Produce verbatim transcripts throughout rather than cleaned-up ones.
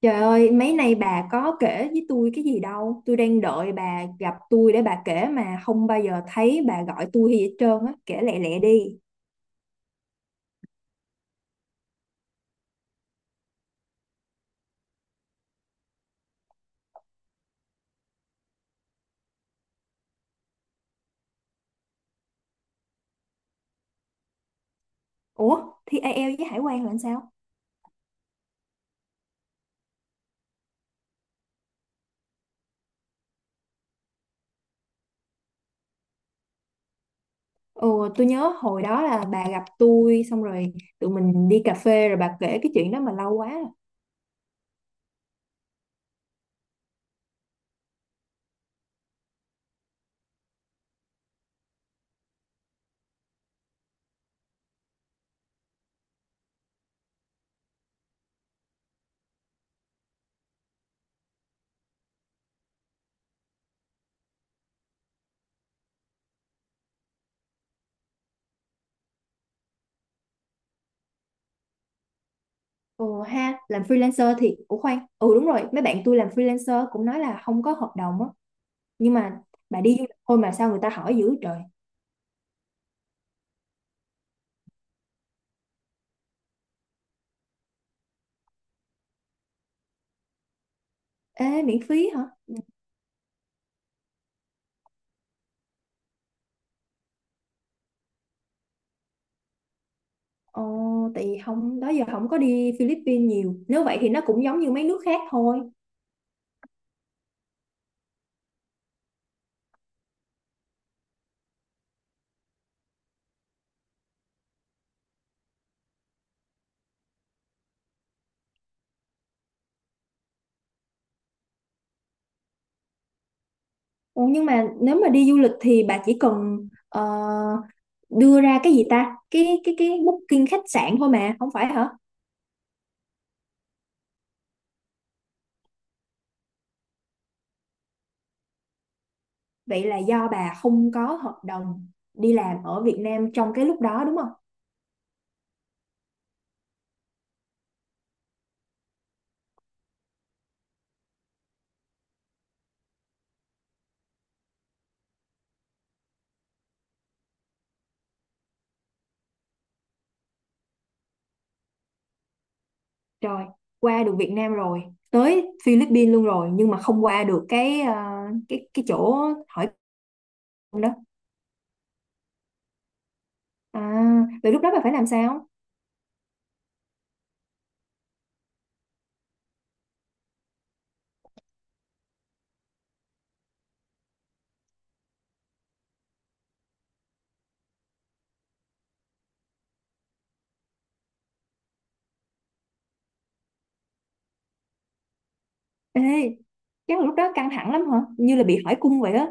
Trời ơi, mấy nay bà có kể với tôi cái gì đâu. Tôi đang đợi bà gặp tôi để bà kể mà không bao giờ thấy bà gọi tôi hay gì hết trơn á. Kể lẹ lẹ đi. Ủa, thi IELTS với Hải quan là làm sao? Ồ, tôi nhớ hồi đó là bà gặp tôi xong rồi tụi mình đi cà phê rồi bà kể cái chuyện đó mà lâu quá rồi. Ồ ha, làm freelancer thì— Ủa khoan, ừ đúng rồi, mấy bạn tôi làm freelancer cũng nói là không có hợp đồng á. Nhưng mà bà đi du lịch thôi mà sao người ta hỏi dữ trời. Ê, miễn phí hả? Ồ, tại vì không đó giờ không có đi Philippines nhiều. Nếu vậy thì nó cũng giống như mấy nước khác thôi. Ồ, nhưng mà nếu mà đi du lịch thì bà chỉ cần ờ, đưa ra cái gì ta? Cái cái cái booking khách sạn thôi mà, không phải hả? Vậy là do bà không có hợp đồng đi làm ở Việt Nam trong cái lúc đó đúng không? Rồi qua được Việt Nam rồi, tới Philippines luôn rồi nhưng mà không qua được cái ờ, cái cái chỗ hỏi cung đó. À, vậy lúc đó bà phải làm sao? Ê, chắc là lúc đó căng thẳng lắm hả? Như là bị hỏi cung vậy á.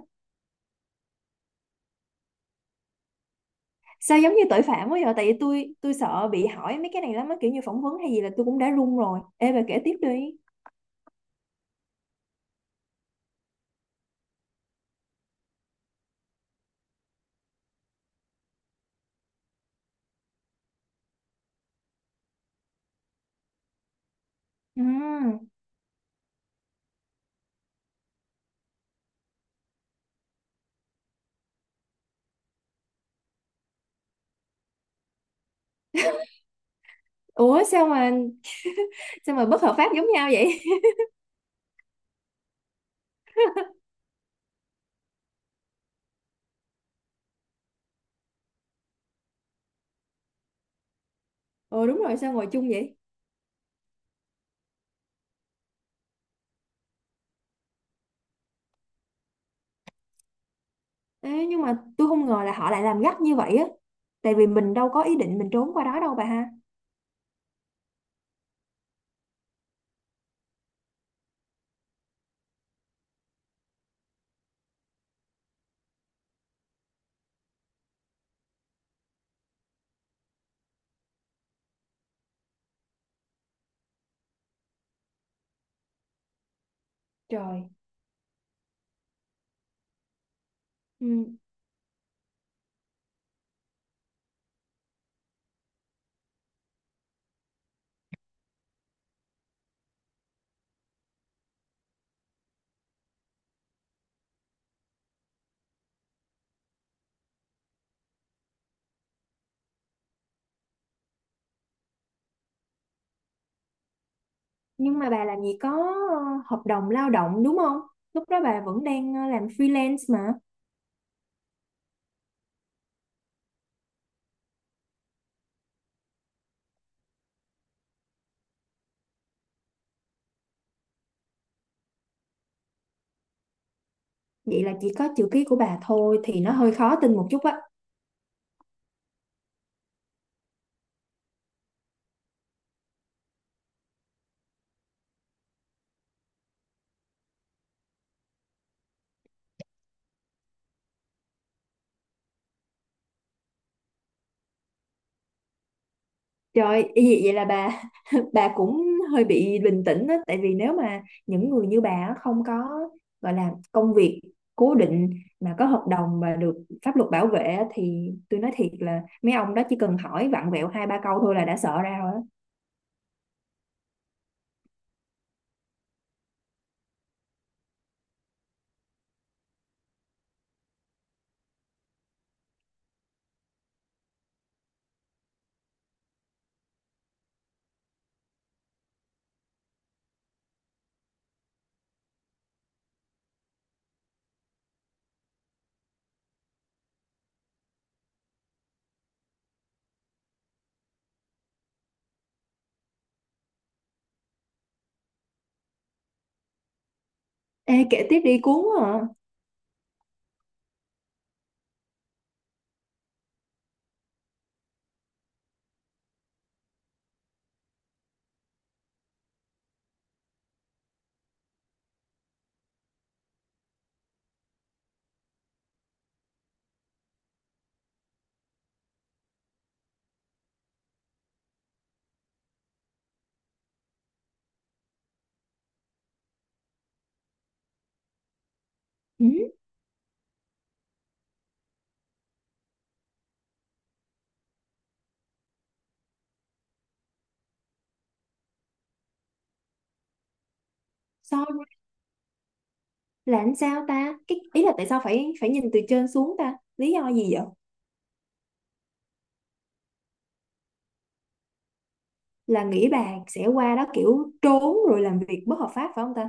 Sao giống như tội phạm quá vậy? Tại vì tôi tôi sợ bị hỏi mấy cái này lắm á, kiểu như phỏng vấn hay gì là tôi cũng đã run rồi. Ê bà kể tiếp đi. Ừ. Ủa sao mà sao mà bất hợp pháp giống nhau vậy? Ờ đúng rồi, sao ngồi chung vậy? Ê, nhưng mà tôi không ngờ là họ lại làm gắt như vậy á. Tại vì mình đâu có ý định mình trốn qua đó đâu bà ha. Trời. Ừ. Nhưng mà bà làm gì có ờ, hợp đồng lao động đúng không? Lúc đó bà vẫn đang ờ, làm freelance mà. Vậy là chỉ có chữ ký của bà thôi thì nó hơi khó tin một chút á. Trời ý gì vậy là bà bà cũng hơi bị bình tĩnh á, tại vì nếu mà những người như bà á, không có gọi là công việc cố định mà có hợp đồng mà được pháp luật bảo vệ á, thì tôi nói thiệt là mấy ông đó chỉ cần hỏi vặn vẹo hai ba câu thôi là đã sợ ra rồi á. Ê kể tiếp đi, cuốn quá à. Ừ, sorry là làm sao ta, cái ý là tại sao phải phải nhìn từ trên xuống ta, lý do gì vậy? Là nghĩ bà sẽ qua đó kiểu trốn rồi làm việc bất hợp pháp phải không ta?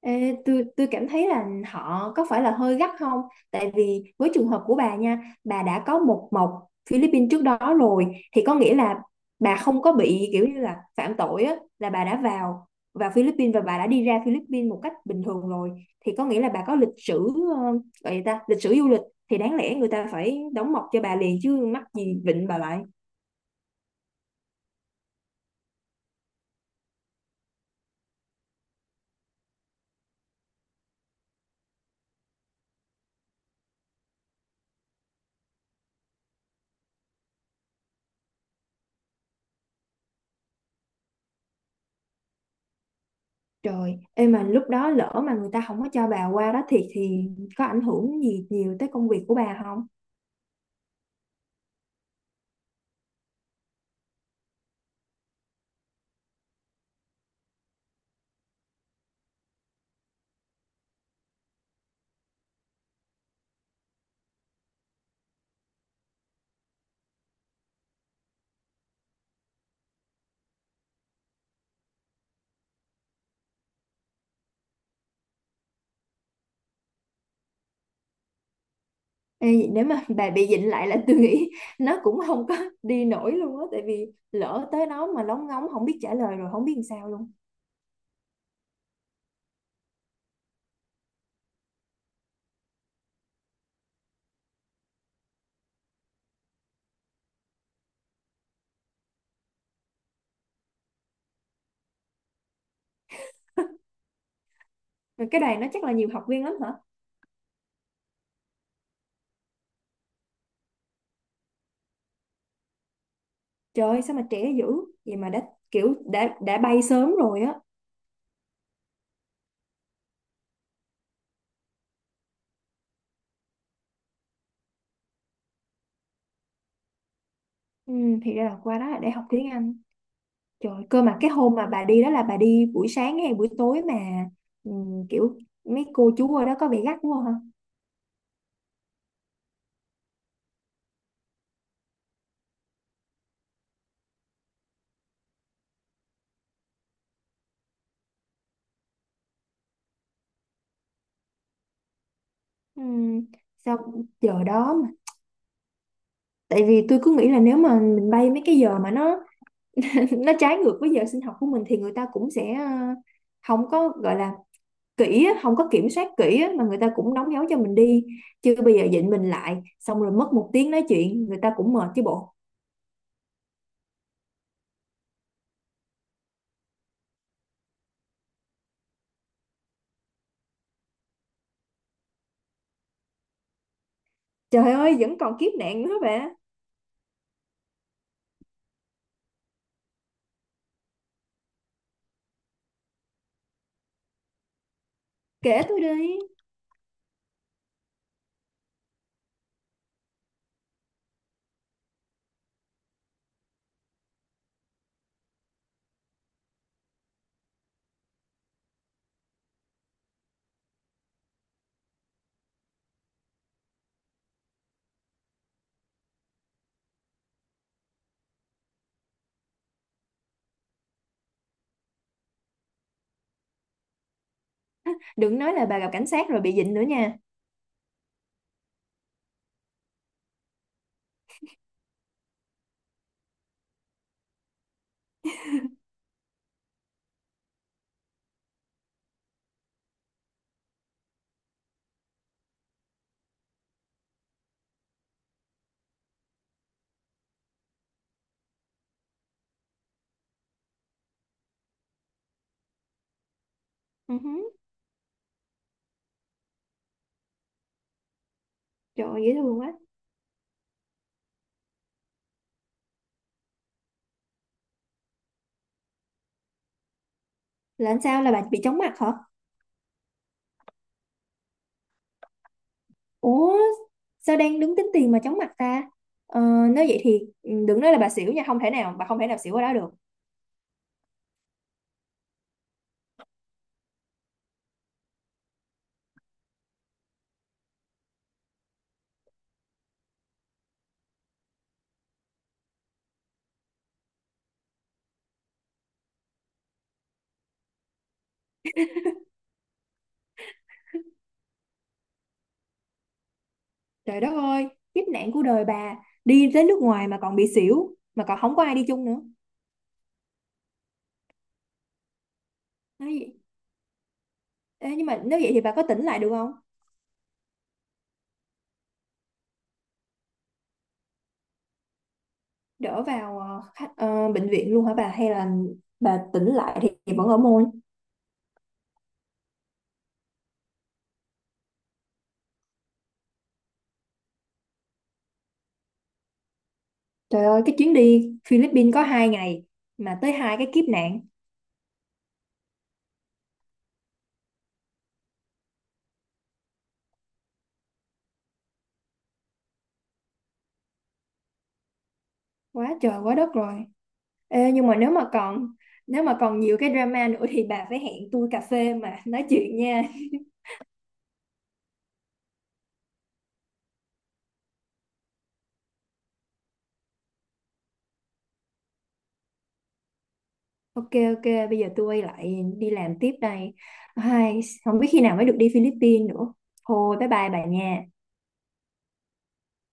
Ê, tôi tôi cảm thấy là họ có phải là hơi gắt không? Tại vì với trường hợp của bà nha, bà đã có một mộc Philippines trước đó rồi thì có nghĩa là bà không có bị kiểu như là phạm tội á, là bà đã vào vào Philippines và bà đã đi ra Philippines một cách bình thường rồi thì có nghĩa là bà có lịch sử ờ, gọi gì ta, lịch sử du lịch, thì đáng lẽ người ta phải đóng mộc cho bà liền chứ mắc gì vịnh bà lại. Trời, em mà lúc đó lỡ mà người ta không có cho bà qua đó thì thì có ảnh hưởng gì nhiều tới công việc của bà không? Ê, nếu mà bà bị dịnh lại là tôi nghĩ nó cũng không có đi nổi luôn á, tại vì lỡ tới đó mà lóng ngóng không biết trả lời rồi không biết làm sao luôn. Rồi cái đoàn đó chắc là nhiều học viên lắm hả? Trời sao mà trẻ dữ vậy mà đã kiểu đã đã bay sớm rồi á. Ừ, thì ra là qua đó là để học tiếng Anh. Trời, cơ mà cái hôm mà bà đi đó là bà đi buổi sáng hay buổi tối mà, ừ, kiểu mấy cô chú ở đó có vẻ gắt quá. Ừm, Sao giờ đó mà, tại vì tôi cứ nghĩ là nếu mà mình bay mấy cái giờ mà nó nó trái ngược với giờ sinh học của mình thì người ta cũng sẽ ờ, không có gọi là kỹ á, không có kiểm soát kỹ á, mà người ta cũng đóng dấu cho mình đi, chứ bây giờ dịnh mình lại xong rồi mất một tiếng nói chuyện người ta cũng mệt chứ bộ. Trời ơi vẫn còn kiếp nạn nữa bà. Kể tôi đi. Đừng nói là bà gặp cảnh sát rồi bị dịnh nữa nha. Uh. Trời ơi dễ thương quá là. Làm sao, là bà bị chóng mặt hả? Ủa sao đang đứng tính tiền mà chóng mặt ta? ờ, Nếu vậy thì, ừ, đừng nói là bà xỉu nha. Không thể nào, bà không thể nào xỉu ở đó được. Trời đất ơi, kiếp nạn của đời bà. Đi đến nước ngoài mà còn bị xỉu. Mà còn không có ai đi chung nữa, nói vậy. Ê, nhưng mà nếu vậy thì bà có tỉnh lại được không? Đỡ vào ờ, khách, ờ, bệnh viện luôn hả bà? Hay là bà tỉnh lại thì, thì, vẫn ở môn. Trời ơi cái chuyến đi Philippines có hai ngày mà tới hai cái kiếp nạn. Quá trời quá đất rồi. Ê, nhưng mà nếu mà còn nếu mà còn nhiều cái drama nữa thì bà phải hẹn tôi cà phê mà nói chuyện nha. Ok ok, bây giờ tôi quay lại đi làm tiếp đây. Ai, không biết khi nào mới được đi Philippines nữa. Thôi bye bye bà nha.